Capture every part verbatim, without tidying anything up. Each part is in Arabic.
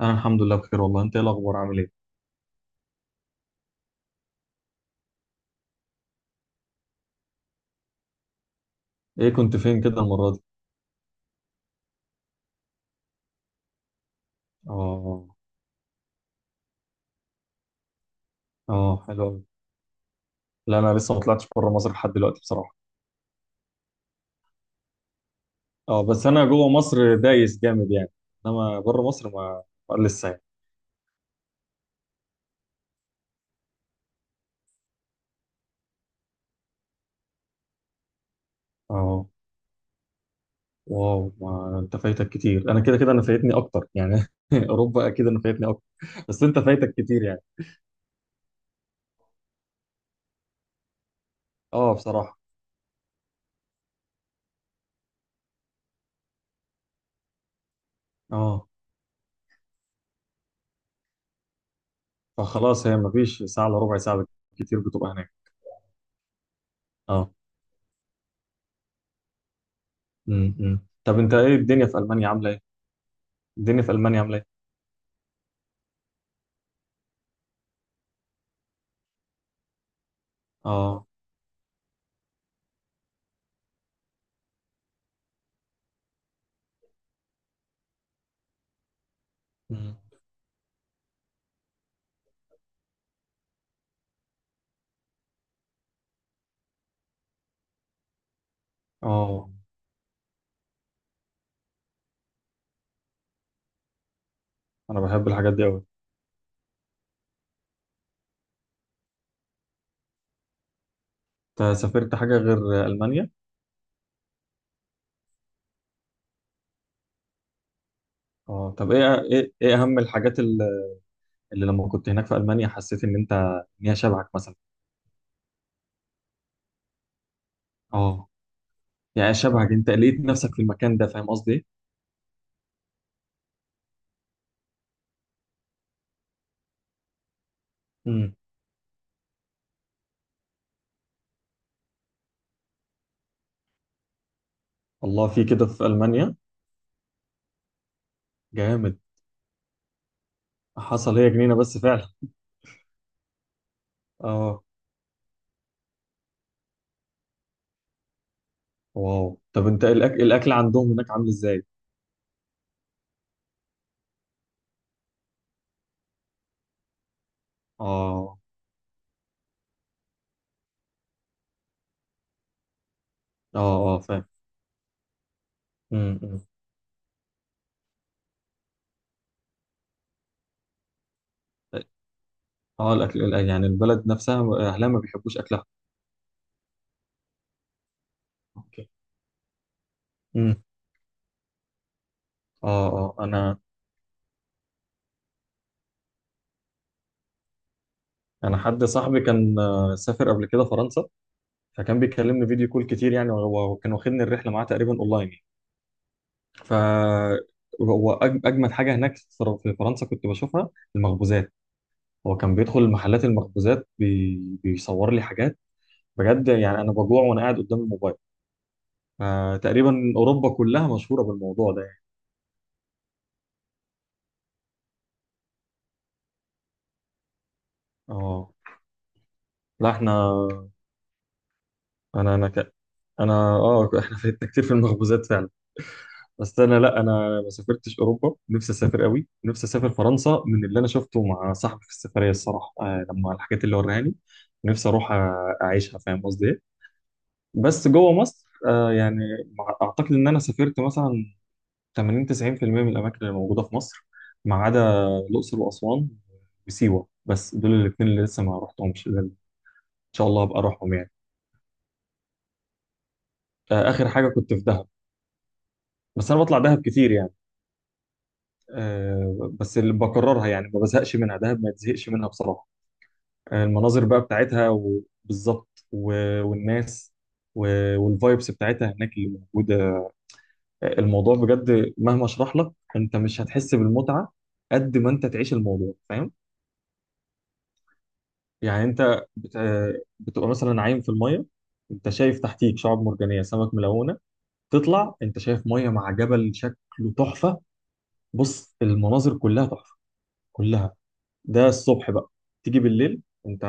انا الحمد لله بخير والله. انت ايه الاخبار؟ عامل ايه؟ ايه كنت فين كده المره دي؟ اه. اه، حلو قوي. لا، انا لسه ما طلعتش بره مصر لحد دلوقتي بصراحه. اه، بس انا جوه مصر دايس جامد يعني. انما بره مصر، ما ما لسه يعني. اه. واو، ما انت فايتك كتير، انا كده كده انا فايتني اكتر يعني. اوروبا اكيد انا فايتني اكتر. بس انت فايتك كتير يعني. اه، بصراحه. اه، فخلاص، هي ما فيش ساعه الا ربع ساعه كتير بتبقى هناك. اه. امم إمم. طب انت ايه الدنيا في المانيا عامله ايه؟ الدنيا في المانيا عامله ايه؟ اه. إمم. اه، انا بحب الحاجات دي قوي. انت سافرت حاجه غير المانيا؟ اه، طب ايه ايه ايه اهم الحاجات ال- اللي لما كنت هناك في المانيا حسيت ان انت ان هي شبهك مثلا؟ اه. يعني شبهك، انت لقيت نفسك في المكان ده، فاهم قصدي ايه؟ امم الله، في كده في المانيا؟ جامد. حصل هي جنينه بس فعلا. اه، واو، طب انت الأك... الاكل عندهم هناك عامل ازاي؟ اه، اه، اه، فاهم. امم أمم. اه، الاكل يعني البلد نفسها اهلها ما بيحبوش اكلها؟ اوكي. امم اه، اه، انا انا حد صاحبي كان آه، سافر قبل كده فرنسا. فكان بيكلمني فيديو كول كتير يعني، وهو- وكان واخدني الرحله معاه تقريبا اونلاين يعني. ف هو أج- اجمد حاجه هناك في في فرنسا كنت بشوفها، المخبوزات. هو كان بيدخل محلات المخبوزات بي... بيصور لي حاجات، بجد يعني. انا بجوع وانا قاعد قدام الموبايل. آه تقريبا اوروبا كلها مشهوره بالموضوع ده يعني. اه، لا، احنا انا انا ك... انا اه احنا فاتنا كتير في المخبوزات فعلا. بس انا، لا، انا ما سافرتش اوروبا. نفسي اسافر قوي، نفسي اسافر فرنسا من اللي انا شفته مع صاحبي في السفريه الصراحه. آه لما الحاجات اللي وراني نفسي اروح آه، اعيشها، فاهم قصدي ايه؟ بس جوه مصر آه يعني، مع- اعتقد ان انا سافرت مثلا تمانين تسعين في المية من الاماكن اللي موجوده في مصر، ما عدا الاقصر واسوان وسيوه. بس دول الاثنين اللي لسه ما رحتهمش، اللي ان شاء الله هبقى اروحهم يعني. آه اخر حاجه كنت في دهب. بس انا بطلع دهب كتير يعني. آه بس اللي بكررها يعني ما بزهقش منها، دهب ما تزهقش منها بصراحه. المناظر بقى بتاعتها، وبالظبط و- والناس و- والفايبس بتاعتها هناك اللي موجوده. الموضوع بجد مهما اشرح لك انت مش هتحس بالمتعه قد ما انت تعيش الموضوع، فاهم؟ يعني انت بت- بتبقى مثلا عايم في الميه، انت شايف تحتيك شعاب مرجانيه، سمك ملونه. تطلع انت شايف ميه مع جبل شكله تحفه. بص، المناظر كلها تحفه، كلها. ده الصبح بقى. تيجي بالليل، انت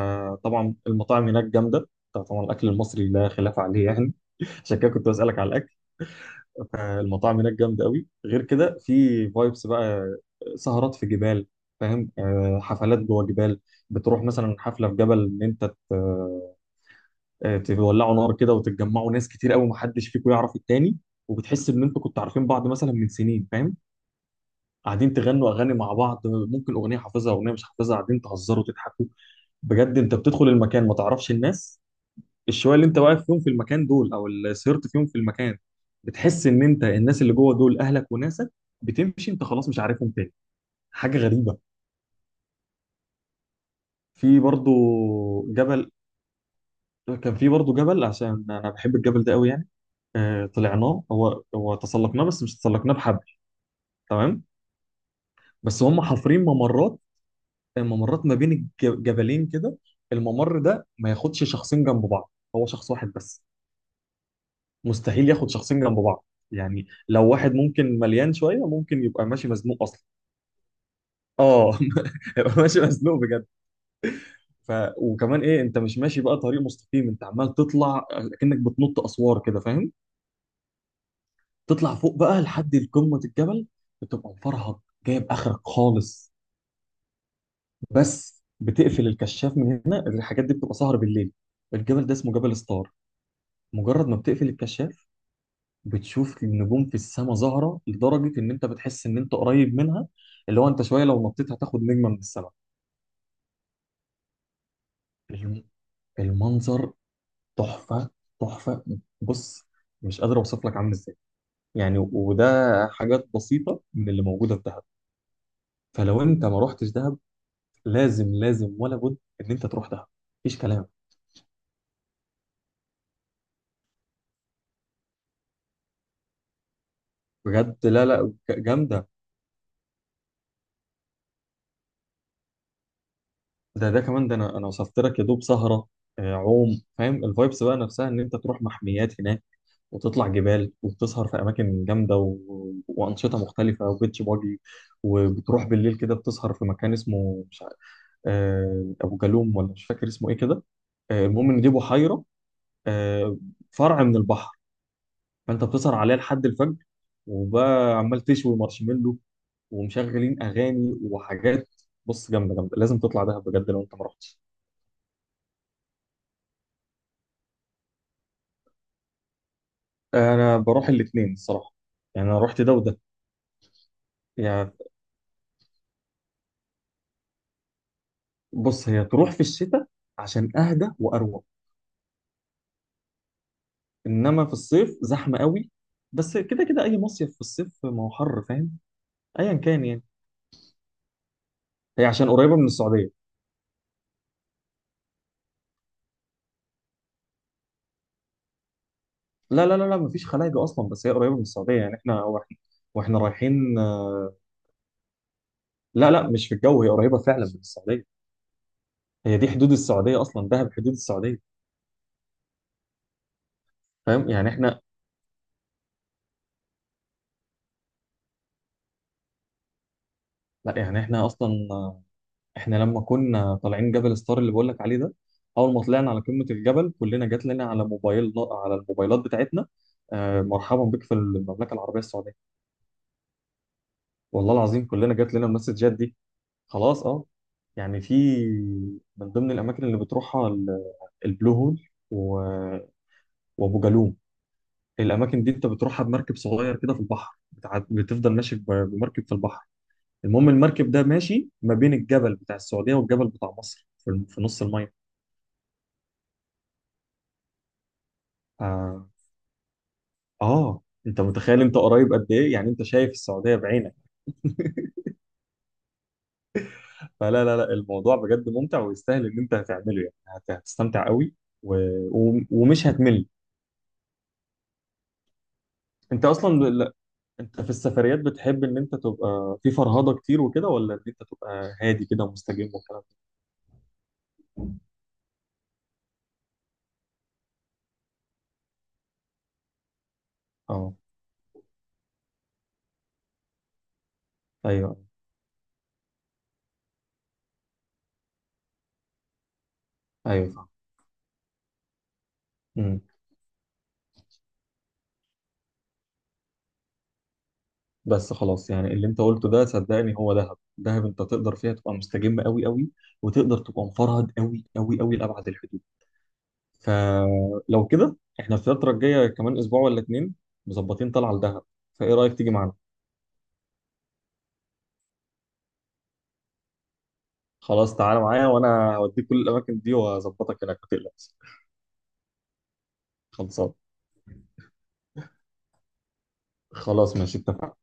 طبعا المطاعم هناك جامده، طبعا الاكل المصري لا خلاف عليه يعني. عشان كده كنت بسالك على الاكل. فالمطاعم هناك جامده قوي. غير كده في فايبس بقى، سهرات في جبال، فاهم؟ آه، حفلات جوه جبال. بتروح مثلا حفله في جبل ان انت ت- آه، تولعوا نار كده وتتجمعوا ناس كتير قوي، محدش فيكم يعرف التاني، وبتحس ان انتوا كنتوا عارفين بعض مثلا من سنين، فاهم؟ قاعدين تغنوا اغاني مع بعض، ممكن اغنيه حافظها، اغنيه مش حافظها، قاعدين تهزروا وتضحكوا. بجد انت بتدخل المكان ما تعرفش الناس، الشويه اللي انت واقف فيهم في المكان دول او اللي سهرت فيهم في المكان، بتحس ان انت الناس اللي جوه دول اهلك وناسك. بتمشي انت خلاص مش عارفهم تاني، حاجه غريبه. في برضو جبل كان في برضو جبل، عشان انا بحب الجبل ده قوي يعني. آه طلعناه، هو هو تسلقناه، بس مش تسلقناه بحبل، تمام؟ بس هم حافرين ممرات، ممرات ما بين الجبلين كده. الممر ده ما ياخدش شخصين جنب بعض، هو شخص واحد بس، مستحيل ياخد شخصين جنب بعض. يعني لو واحد ممكن مليان شويه ممكن يبقى ماشي مزنوق اصلا. اه. يبقى ماشي مزنوق بجد. ف... وكمان ايه، انت مش ماشي بقى طريق مستقيم، انت عمال تطلع كأنك بتنط اسوار كده، فاهم؟ تطلع فوق بقى لحد قمه الجبل، بتبقى مفرهد، جايب اخرك خالص. بس بتقفل الكشاف من هنا، الحاجات دي بتبقى سهر بالليل. الجبل ده اسمه جبل ستار. مجرد ما بتقفل الكشاف بتشوف النجوم في السماء ظاهره لدرجه ان انت بتحس ان انت قريب منها، اللي هو انت شويه لو نطيت هتاخد نجمه من السماء. الم- المنظر تحفه، تحفه. بص، مش قادر اوصف لك عامل ازاي. يعني وده حاجات بسيطه من اللي موجوده في دهب. فلو انت ما رحتش دهب، لازم لازم ولا بد ان انت تروح دهب، مفيش كلام. بجد، لا، لا، ج- جامده. ده ده كمان، ده انا انا وصفت لك يا دوب سهره. آه، عوم، فاهم؟ الفايبس بقى نفسها ان انت تروح محميات هناك وتطلع جبال وبتسهر في اماكن جامده و... وانشطه مختلفه وبيتش باجي. وبتروح بالليل كده بتسهر في مكان اسمه مش عارف، آه، ابو جالوم ولا مش فاكر اسمه ايه كده. آه، المهم ان دي بحيره، آه، فرع من البحر. فانت بتسهر عليها لحد الفجر، وبقى عمال تشوي مارشميلو ومشغلين اغاني وحاجات. بص، جامده، جامده، لازم تطلع دهب بجد لو انت ما رحتش. انا بروح الاثنين الصراحه، يعني انا رحت ده وده. يعني بص، هي تروح في الشتاء عشان اهدى واروق. انما في الصيف زحمه قوي. بس كده كده اي مصيف في الصيف ما هو حر، فاهم؟ ايا كان يعني. هي عشان قريبه من السعوديه. لا، لا، لا، لا، مفيش خلايجه اصلا، بس هي قريبه من السعوديه. يعني احنا واحنا واحنا رايحين آه، لا، لا، مش في الجو، هي قريبه فعلا من السعوديه. هي دي حدود السعوديه اصلا، دهب حدود السعوديه. فاهم يعني احنا، لا يعني احنا اصلا آه، احنا لما كنا طالعين جبل ستار اللي بقول لك عليه ده، اول ما طلعنا على قمه الجبل كلنا جات لنا على موبايل، على الموبايلات بتاعتنا، آه، مرحبا بك في المملكه العربيه السعوديه. والله العظيم كلنا جات لنا المسجات دي. خلاص. اه. يعني في من ضمن الاماكن اللي بتروحها ال- البلو هول و... وابو جالوم. الاماكن دي انت بتروحها بمركب صغير كده في البحر بتاع... بتفضل ماشي ب- بمركب في البحر. المهم المركب ده ماشي ما بين الجبل بتاع السعوديه والجبل بتاع مصر، في, الم- في نص الميه. آه... اه. انت متخيل انت قريب قد ايه؟ يعني انت شايف السعوديه بعينك. فلا، لا، لا، الموضوع بجد ممتع ويستاهل ان انت هتعمله، يعني هت- هتستمتع قوي و... و... ومش هتمل. انت اصلا، لا. انت في السفريات بتحب ان انت تبقى في فرهضه كتير وكده، ولا ان انت تبقى هادي كده ومستجم والكلام ده؟ اه، ايوه، ايوه، فاهم. امم. بس خلاص، يعني اللي انت قلته ده صدقني، هو دهب، دهب انت تقدر فيها تبقى مستجم قوي قوي، وتقدر تبقى مفرهد قوي قوي قوي لابعد الحدود. فلو كده احنا الفتره الجايه كمان اسبوع ولا اتنين مظبطين طلعه لدهب، فايه رايك تيجي معانا؟ خلاص تعالى معايا وانا هوديك كل الاماكن دي واظبطك هناك، ما تقلقش. خلصان. خلاص ماشي، اتفقنا.